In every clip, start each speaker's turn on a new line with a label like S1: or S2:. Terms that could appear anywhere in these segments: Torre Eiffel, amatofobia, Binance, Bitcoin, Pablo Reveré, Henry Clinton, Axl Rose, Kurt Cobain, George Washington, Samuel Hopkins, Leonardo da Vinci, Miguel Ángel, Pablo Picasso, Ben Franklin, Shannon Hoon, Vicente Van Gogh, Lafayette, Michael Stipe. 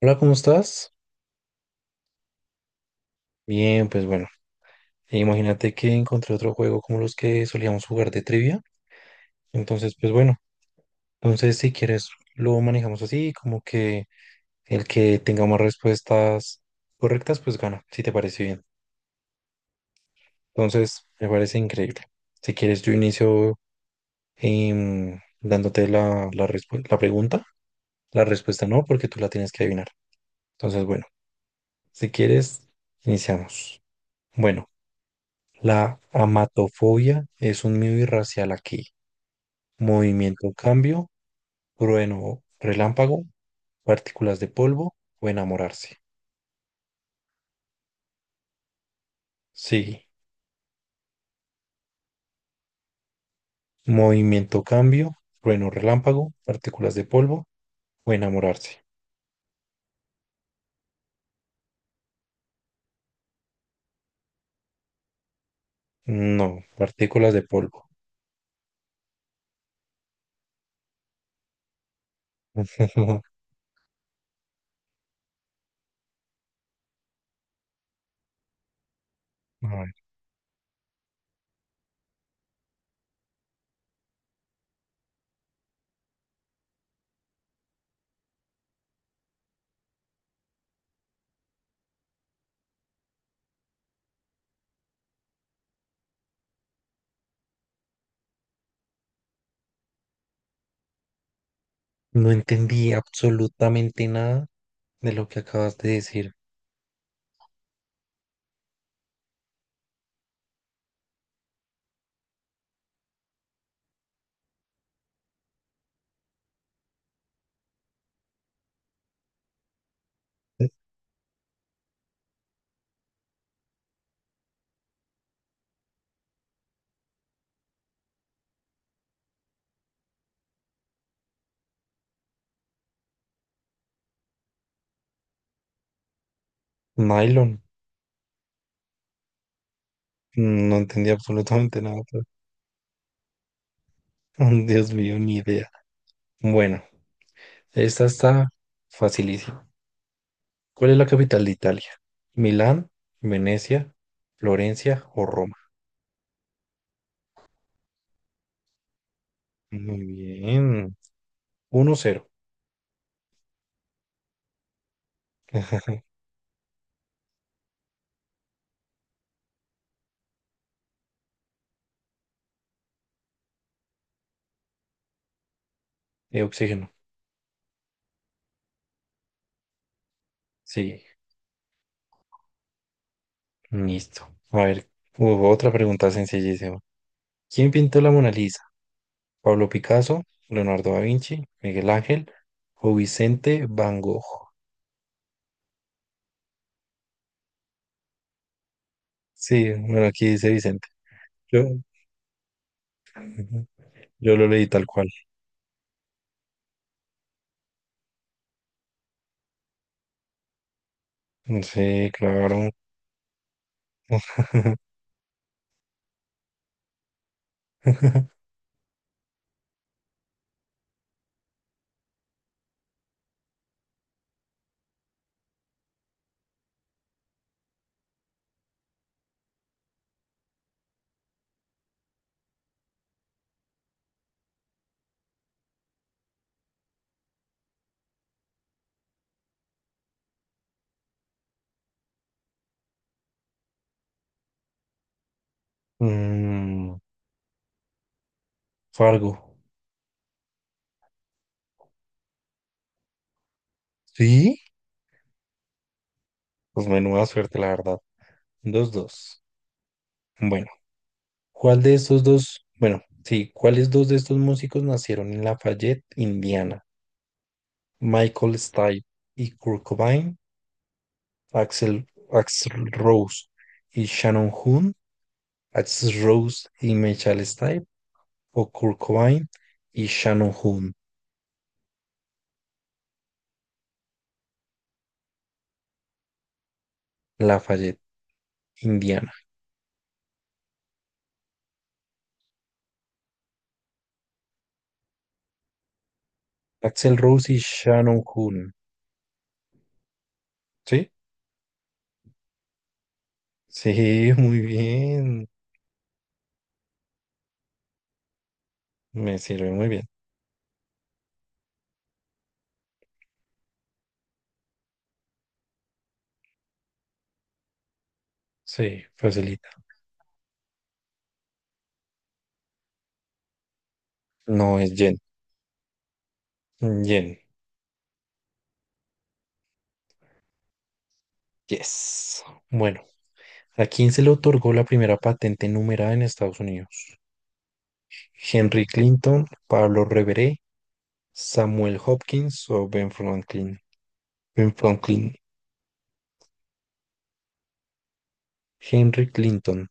S1: Hola, ¿cómo estás? Bien, pues bueno, e imagínate que encontré otro juego como los que solíamos jugar de trivia. Entonces, pues bueno, entonces si quieres lo manejamos así, como que el que tenga más respuestas correctas, pues gana, si te parece bien. Entonces, me parece increíble. Si quieres, yo inicio dándote la pregunta. La respuesta no, porque tú la tienes que adivinar. Entonces, bueno, si quieres, iniciamos. Bueno. La amatofobia es un miedo irracional aquí. Movimiento, cambio, trueno, relámpago, partículas de polvo o enamorarse. Sí. Movimiento, cambio, trueno, relámpago, partículas de polvo o enamorarse. No, partículas de polvo. A ver, no entendí absolutamente nada de lo que acabas de decir. Nylon. No entendí absolutamente nada. Pero- Dios mío, ni idea. Bueno, esta está facilísima. ¿Cuál es la capital de Italia? ¿Milán, Venecia, Florencia o Roma? Muy bien. 1-0. De oxígeno. Sí, listo. A ver, hubo otra pregunta sencillísima. ¿Quién pintó la Mona Lisa? ¿Pablo Picasso, Leonardo da Vinci, Miguel Ángel o Vicente Van Gogh? Sí, bueno, aquí dice Vicente. Yo, ujú, yo lo leí tal cual. Sí, claro. Mm, Fargo. Sí, pues menuda suerte, la verdad. 2-2. Bueno, ¿cuál de estos dos? Bueno, sí, ¿cuáles dos de estos músicos nacieron en Lafayette, Indiana? Michael Stipe y Kurt Cobain, Axel, Axl Rose y Shannon Hoon, Axl Rose y Michael Stipe, o Kurt Cobain y Shannon Hoon. Lafayette, Indiana. Axel Rose y Shannon Hoon, ¿sí? Sí, muy bien. Me sirve muy bien. Sí, facilita. No, es Yen. Yen. Yes. Bueno, ¿a quién se le otorgó la primera patente numerada en Estados Unidos? Henry Clinton, Pablo Reveré, Samuel Hopkins o Ben Franklin. Ben Franklin. Henry Clinton.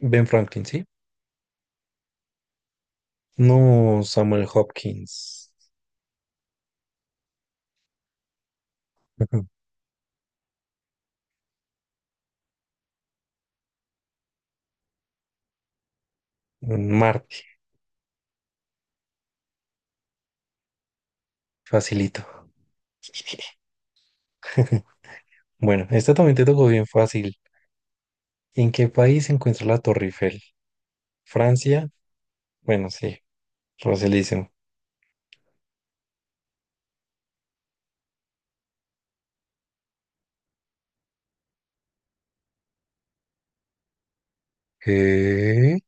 S1: Ben Franklin, ¿sí? No, Samuel Hopkins. Ujú. Marte. Facilito. Bueno, esta también te tocó bien fácil. ¿En qué país se encuentra la Torre Eiffel? Francia. Bueno, sí, facilísimo. ¿Qué?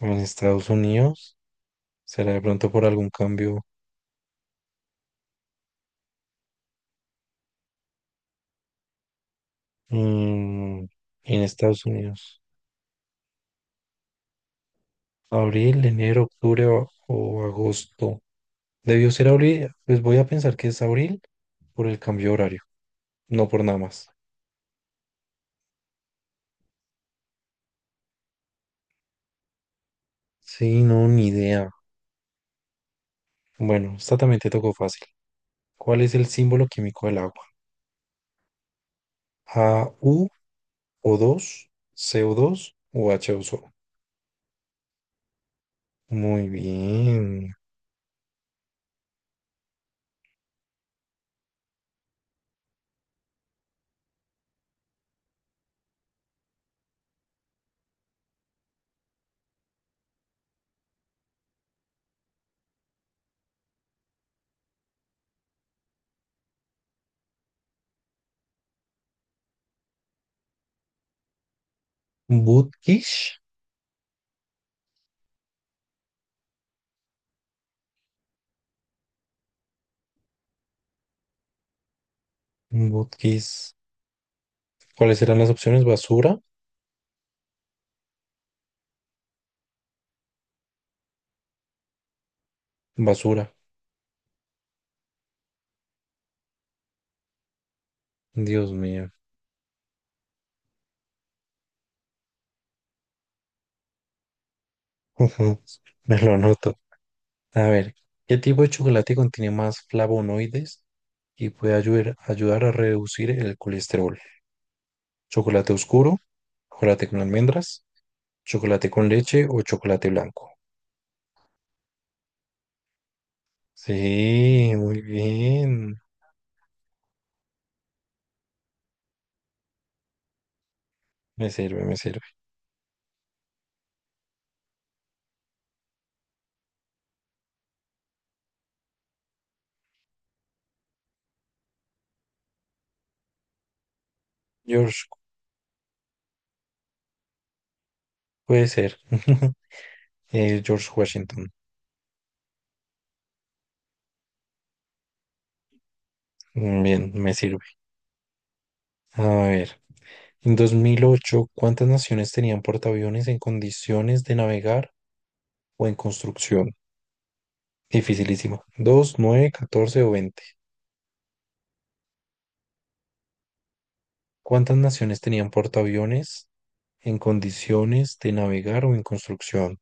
S1: En Estados Unidos. ¿Será de pronto por algún cambio mm, en Estados Unidos? Abril, enero, octubre o agosto. Debió ser abril, pues voy a pensar que es abril por el cambio de horario, no por nada más. Sí, no, ni idea. Bueno, esta también te tocó fácil. ¿Cuál es el símbolo químico del agua? A U o dos C O dos o h 2 o. Muy bien. Butkish. Butkish. ¿Cuáles serán las opciones? Basura, basura. Dios mío. Ujú, me lo noto. A ver, ¿qué tipo de chocolate contiene más flavonoides y puede ayudar a reducir el colesterol? ¿Chocolate oscuro? ¿Chocolate con almendras? ¿Chocolate con leche o chocolate blanco? Sí, muy bien. Me sirve, me sirve. George, puede ser. George Washington. Mm, bien, me sirve. A ver, en 2008, ¿cuántas naciones tenían portaaviones en condiciones de navegar o en construcción? Dificilísimo. 2, 9, 14 o 20. ¿Cuántas naciones tenían portaaviones en condiciones de navegar o en construcción?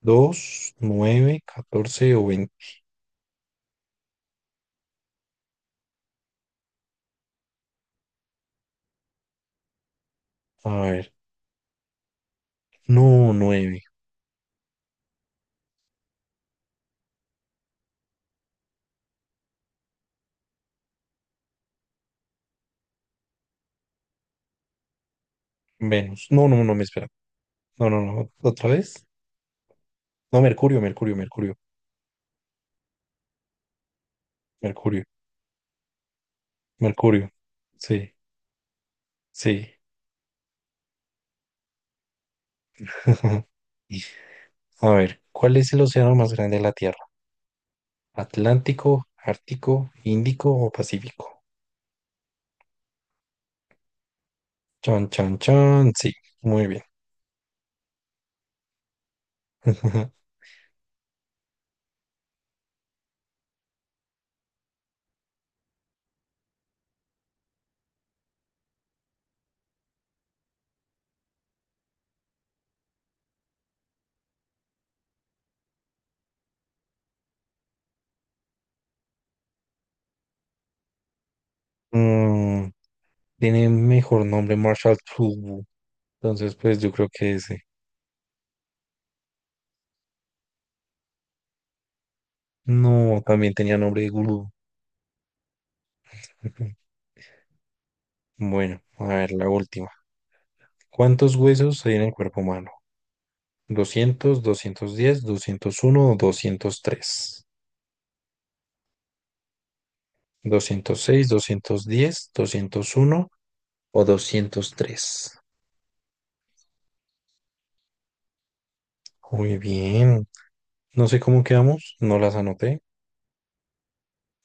S1: 2, 9, 14 o 20. A ver, no, nueve. Venus. No, no, no, me espera. No, no, no. ¿Otra vez? No, Mercurio, Mercurio, Mercurio, Mercurio, Mercurio. Sí, sí. Y, a ver, ¿cuál es el océano más grande de la Tierra? ¿Atlántico, Ártico, Índico o Pacífico? Chan, chan, chan. Sí, muy bien. Mm, tiene mejor nombre Marshall Tubu. Entonces, pues yo creo que ese. No, también tenía nombre de gurú. Bueno, a ver, la última. ¿Cuántos huesos hay en el cuerpo humano? 200, 210, 201 o doscientos tres. ¿206, 210, 201 o 203? Muy bien. No sé cómo quedamos, no las anoté.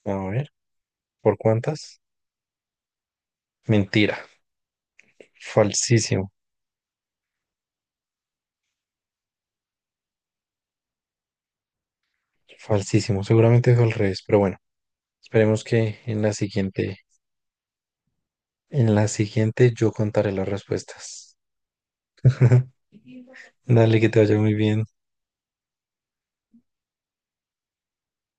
S1: A ver, ¿por cuántas? Mentira. Falsísimo, falsísimo. Seguramente es al revés, pero bueno, esperemos que en la siguiente yo contaré las respuestas. Dale, que te vaya muy bien.